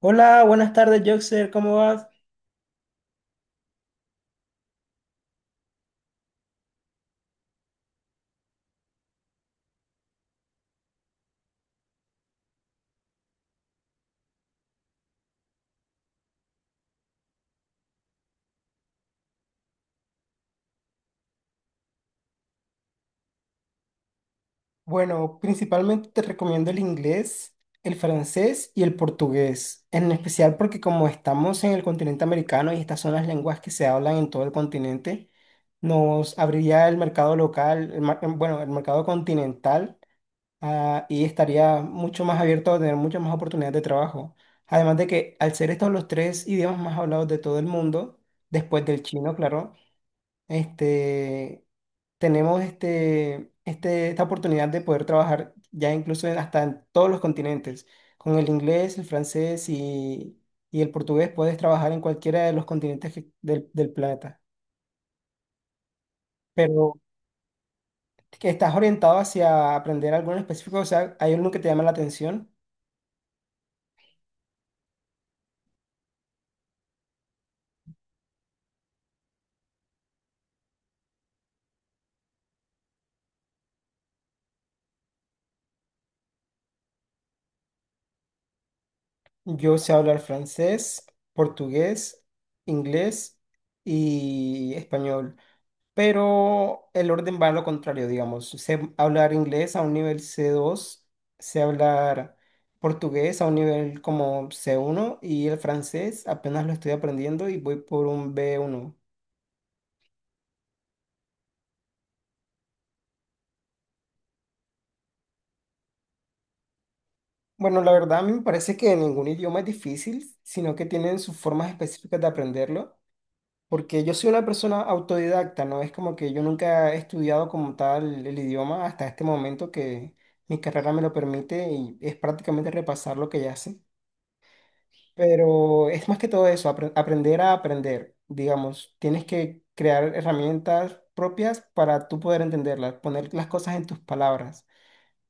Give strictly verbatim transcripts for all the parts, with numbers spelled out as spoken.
Hola, buenas tardes, Joxer, ¿cómo vas? Bueno, principalmente te recomiendo el inglés, el francés y el portugués, en especial porque como estamos en el continente americano y estas son las lenguas que se hablan en todo el continente, nos abriría el mercado local, el mar- bueno, el mercado continental, ah, y estaría mucho más abierto a tener muchas más oportunidades de trabajo. Además de que al ser estos los tres idiomas más hablados de todo el mundo, después del chino, claro, este... tenemos este, este, esta oportunidad de poder trabajar ya incluso en- hasta en todos los continentes. Con el inglés, el francés y, y el portugués puedes trabajar en cualquiera de los continentes que- del, del planeta. Pero que estás orientado hacia aprender algo en específico, o sea, ¿hay alguno que te llama la atención? Yo sé hablar francés, portugués, inglés y español, pero el orden va a lo contrario, digamos. Sé hablar inglés a un nivel c dos, sé hablar portugués a un nivel como c uno, y el francés apenas lo estoy aprendiendo y voy por un b uno. Bueno, la verdad a mí me parece que ningún idioma es difícil, sino que tienen sus formas específicas de aprenderlo, porque yo soy una persona autodidacta, ¿no? Es como que yo nunca he estudiado como tal el idioma hasta este momento que mi carrera me lo permite y es prácticamente repasar lo que ya sé. Pero es más que todo eso, apre- aprender a aprender, digamos. Tienes que crear herramientas propias para tú poder entenderlas, poner las cosas en tus palabras.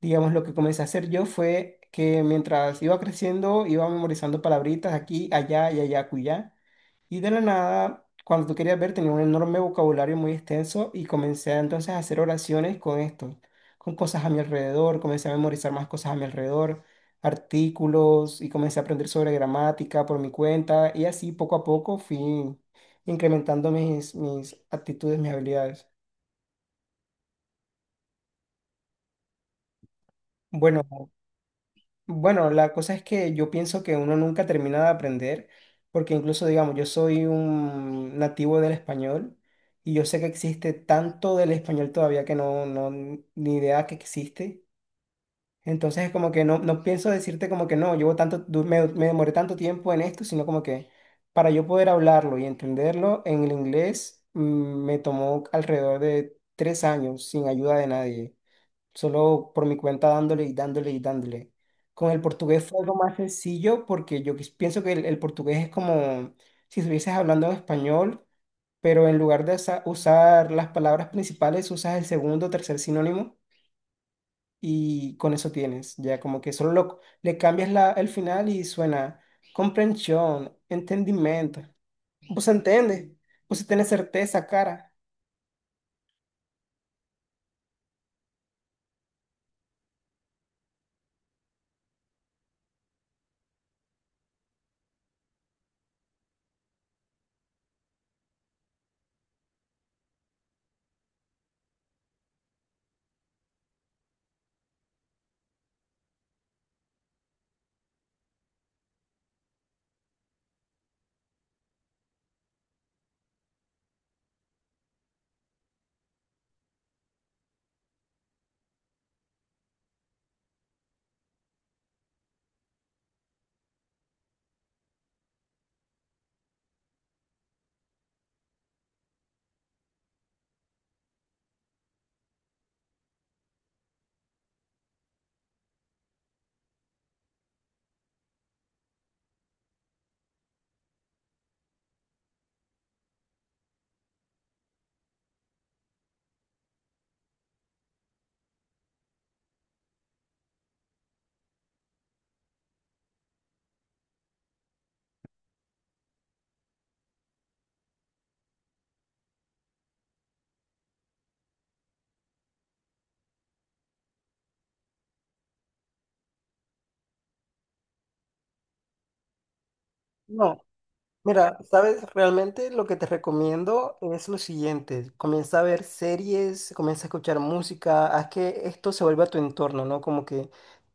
Digamos, lo que comencé a hacer yo fue que mientras iba creciendo, iba memorizando palabritas aquí, allá y allá, cuyá. Y de la nada, cuando tú querías ver, tenía un enorme vocabulario muy extenso y comencé entonces a hacer oraciones con esto, con cosas a mi alrededor, comencé a memorizar más cosas a mi alrededor, artículos y comencé a aprender sobre gramática por mi cuenta y así poco a poco fui incrementando mis, mis actitudes, mis habilidades. Bueno, Bueno, la cosa es que yo pienso que uno nunca termina de aprender, porque incluso, digamos, yo soy un nativo del español y yo sé que existe tanto del español todavía que no, no, ni idea que existe. Entonces es como que no, no pienso decirte como que no, llevo tanto, du- me, me demoré tanto tiempo en esto, sino como que para yo poder hablarlo y entenderlo en el inglés, mm, me tomó alrededor de tres años sin ayuda de nadie, solo por mi cuenta dándole y dándole y dándole. Con el portugués fue algo más sencillo porque yo quis- pienso que el, el portugués es como si estuvieses hablando en español, pero en lugar de usa- usar las palabras principales, usas el segundo o tercer sinónimo y con eso tienes, ya como que solo lo- le cambias la, el final y suena comprensión, entendimiento. Pues entiende, pues si tienes certeza, cara. Mira, sabes, realmente lo que te recomiendo es lo siguiente. Comienza a ver series, comienza a escuchar música, haz que esto se vuelva a tu entorno, ¿no? Como que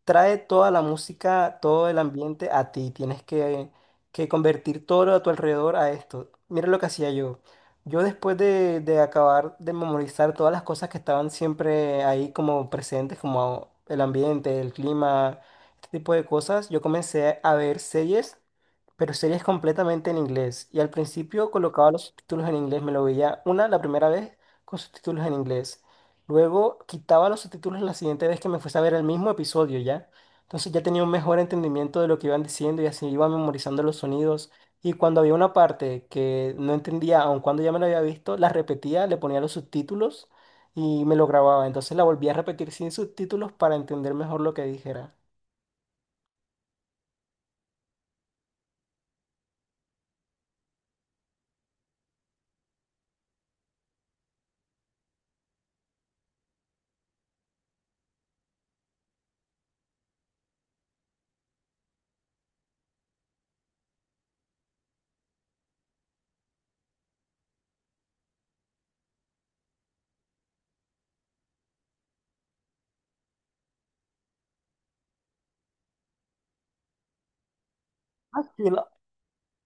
trae toda la música, todo el ambiente a ti. Tienes que, que convertir todo a tu alrededor a esto. Mira lo que hacía yo. Yo después de, de acabar de memorizar todas las cosas que estaban siempre ahí como presentes, como el ambiente, el clima, este tipo de cosas, yo comencé a ver series pero series completamente en inglés. Y al principio colocaba los subtítulos en inglés, me lo veía una la primera vez con subtítulos en inglés. Luego quitaba los subtítulos la siguiente vez que me fuese a ver el mismo episodio ya. Entonces ya tenía un mejor entendimiento de lo que iban diciendo y así iba memorizando los sonidos. Y cuando había una parte que no entendía, aun cuando ya me la había visto, la repetía, le ponía los subtítulos y me lo grababa. Entonces la volvía a repetir sin subtítulos para entender mejor lo que dijera.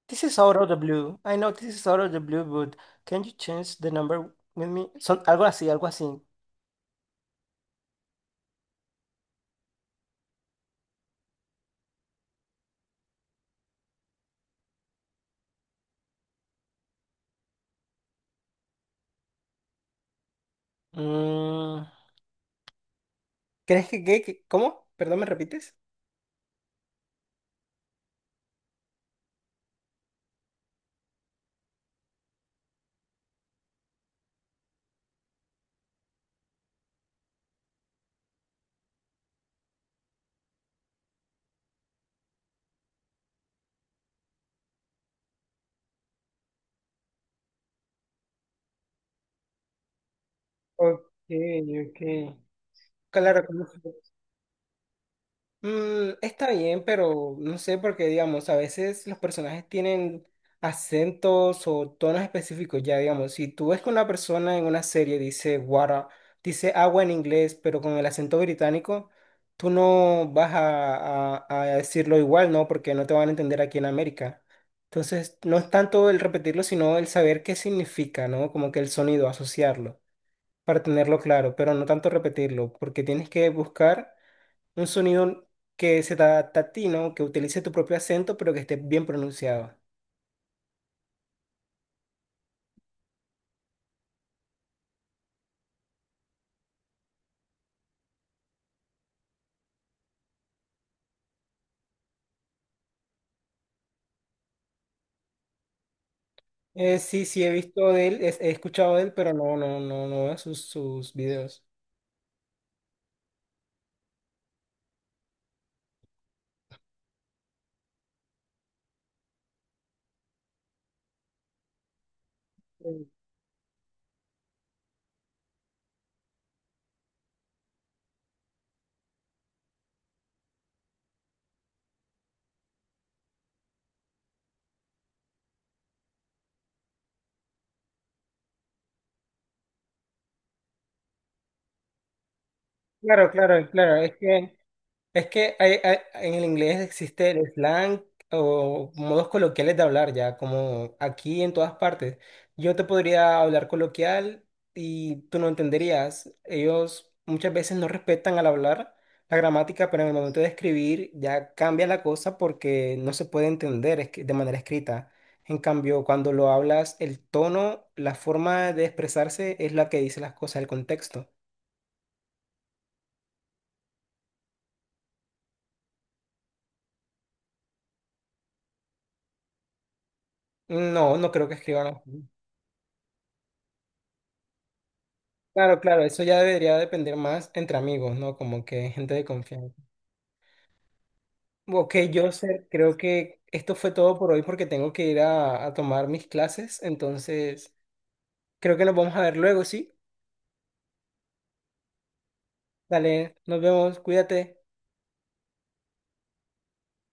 This is out of the blue. I know this is out of the blue, but can you change the number with me? Son algo así, algo así. Mm, ¿crees que, que, que- cómo? Perdón, ¿me repites? Ok, ok. Claro, ¿cómo? se- Mm, está bien, pero no sé, porque digamos, a veces los personajes tienen acentos o tonos específicos, ya digamos, si tú ves que una persona en una serie dice water, dice agua en inglés, pero con el acento británico, tú no vas a, a- a decirlo igual, ¿no? Porque no te van a entender aquí en América. Entonces, no es tanto el repetirlo, sino el saber qué significa, ¿no? Como que el sonido, asociarlo, para tenerlo claro, pero no tanto repetirlo, porque tienes que buscar. Un sonido que se te adapta a ti, ¿no? Que utilice tu propio acento, pero que esté bien pronunciado. Eh, sí, sí, he visto de él, es- he escuchado de él, pero no, no, no, no veo sus, sus videos. Mm. Claro, claro, claro. Es que Es que hay- hay- en el inglés existe el slang o modos coloquiales de hablar ya, como aquí en todas partes. Yo te podría hablar coloquial y tú no entenderías. Ellos muchas veces no respetan al hablar la gramática, pero en el momento de escribir ya cambia la cosa porque no se puede entender es que- de manera escrita. En cambio, cuando lo hablas, el tono, la forma de expresarse es la que dice las cosas, el contexto. No, no creo que escriban. Claro, claro, eso ya debería depender más entre amigos, ¿no? Como que gente de confianza. Ok, Joseph, creo que esto fue todo por hoy porque tengo que ir a, a tomar mis clases, entonces creo que nos vamos a ver luego, ¿sí? Dale, nos vemos, cuídate.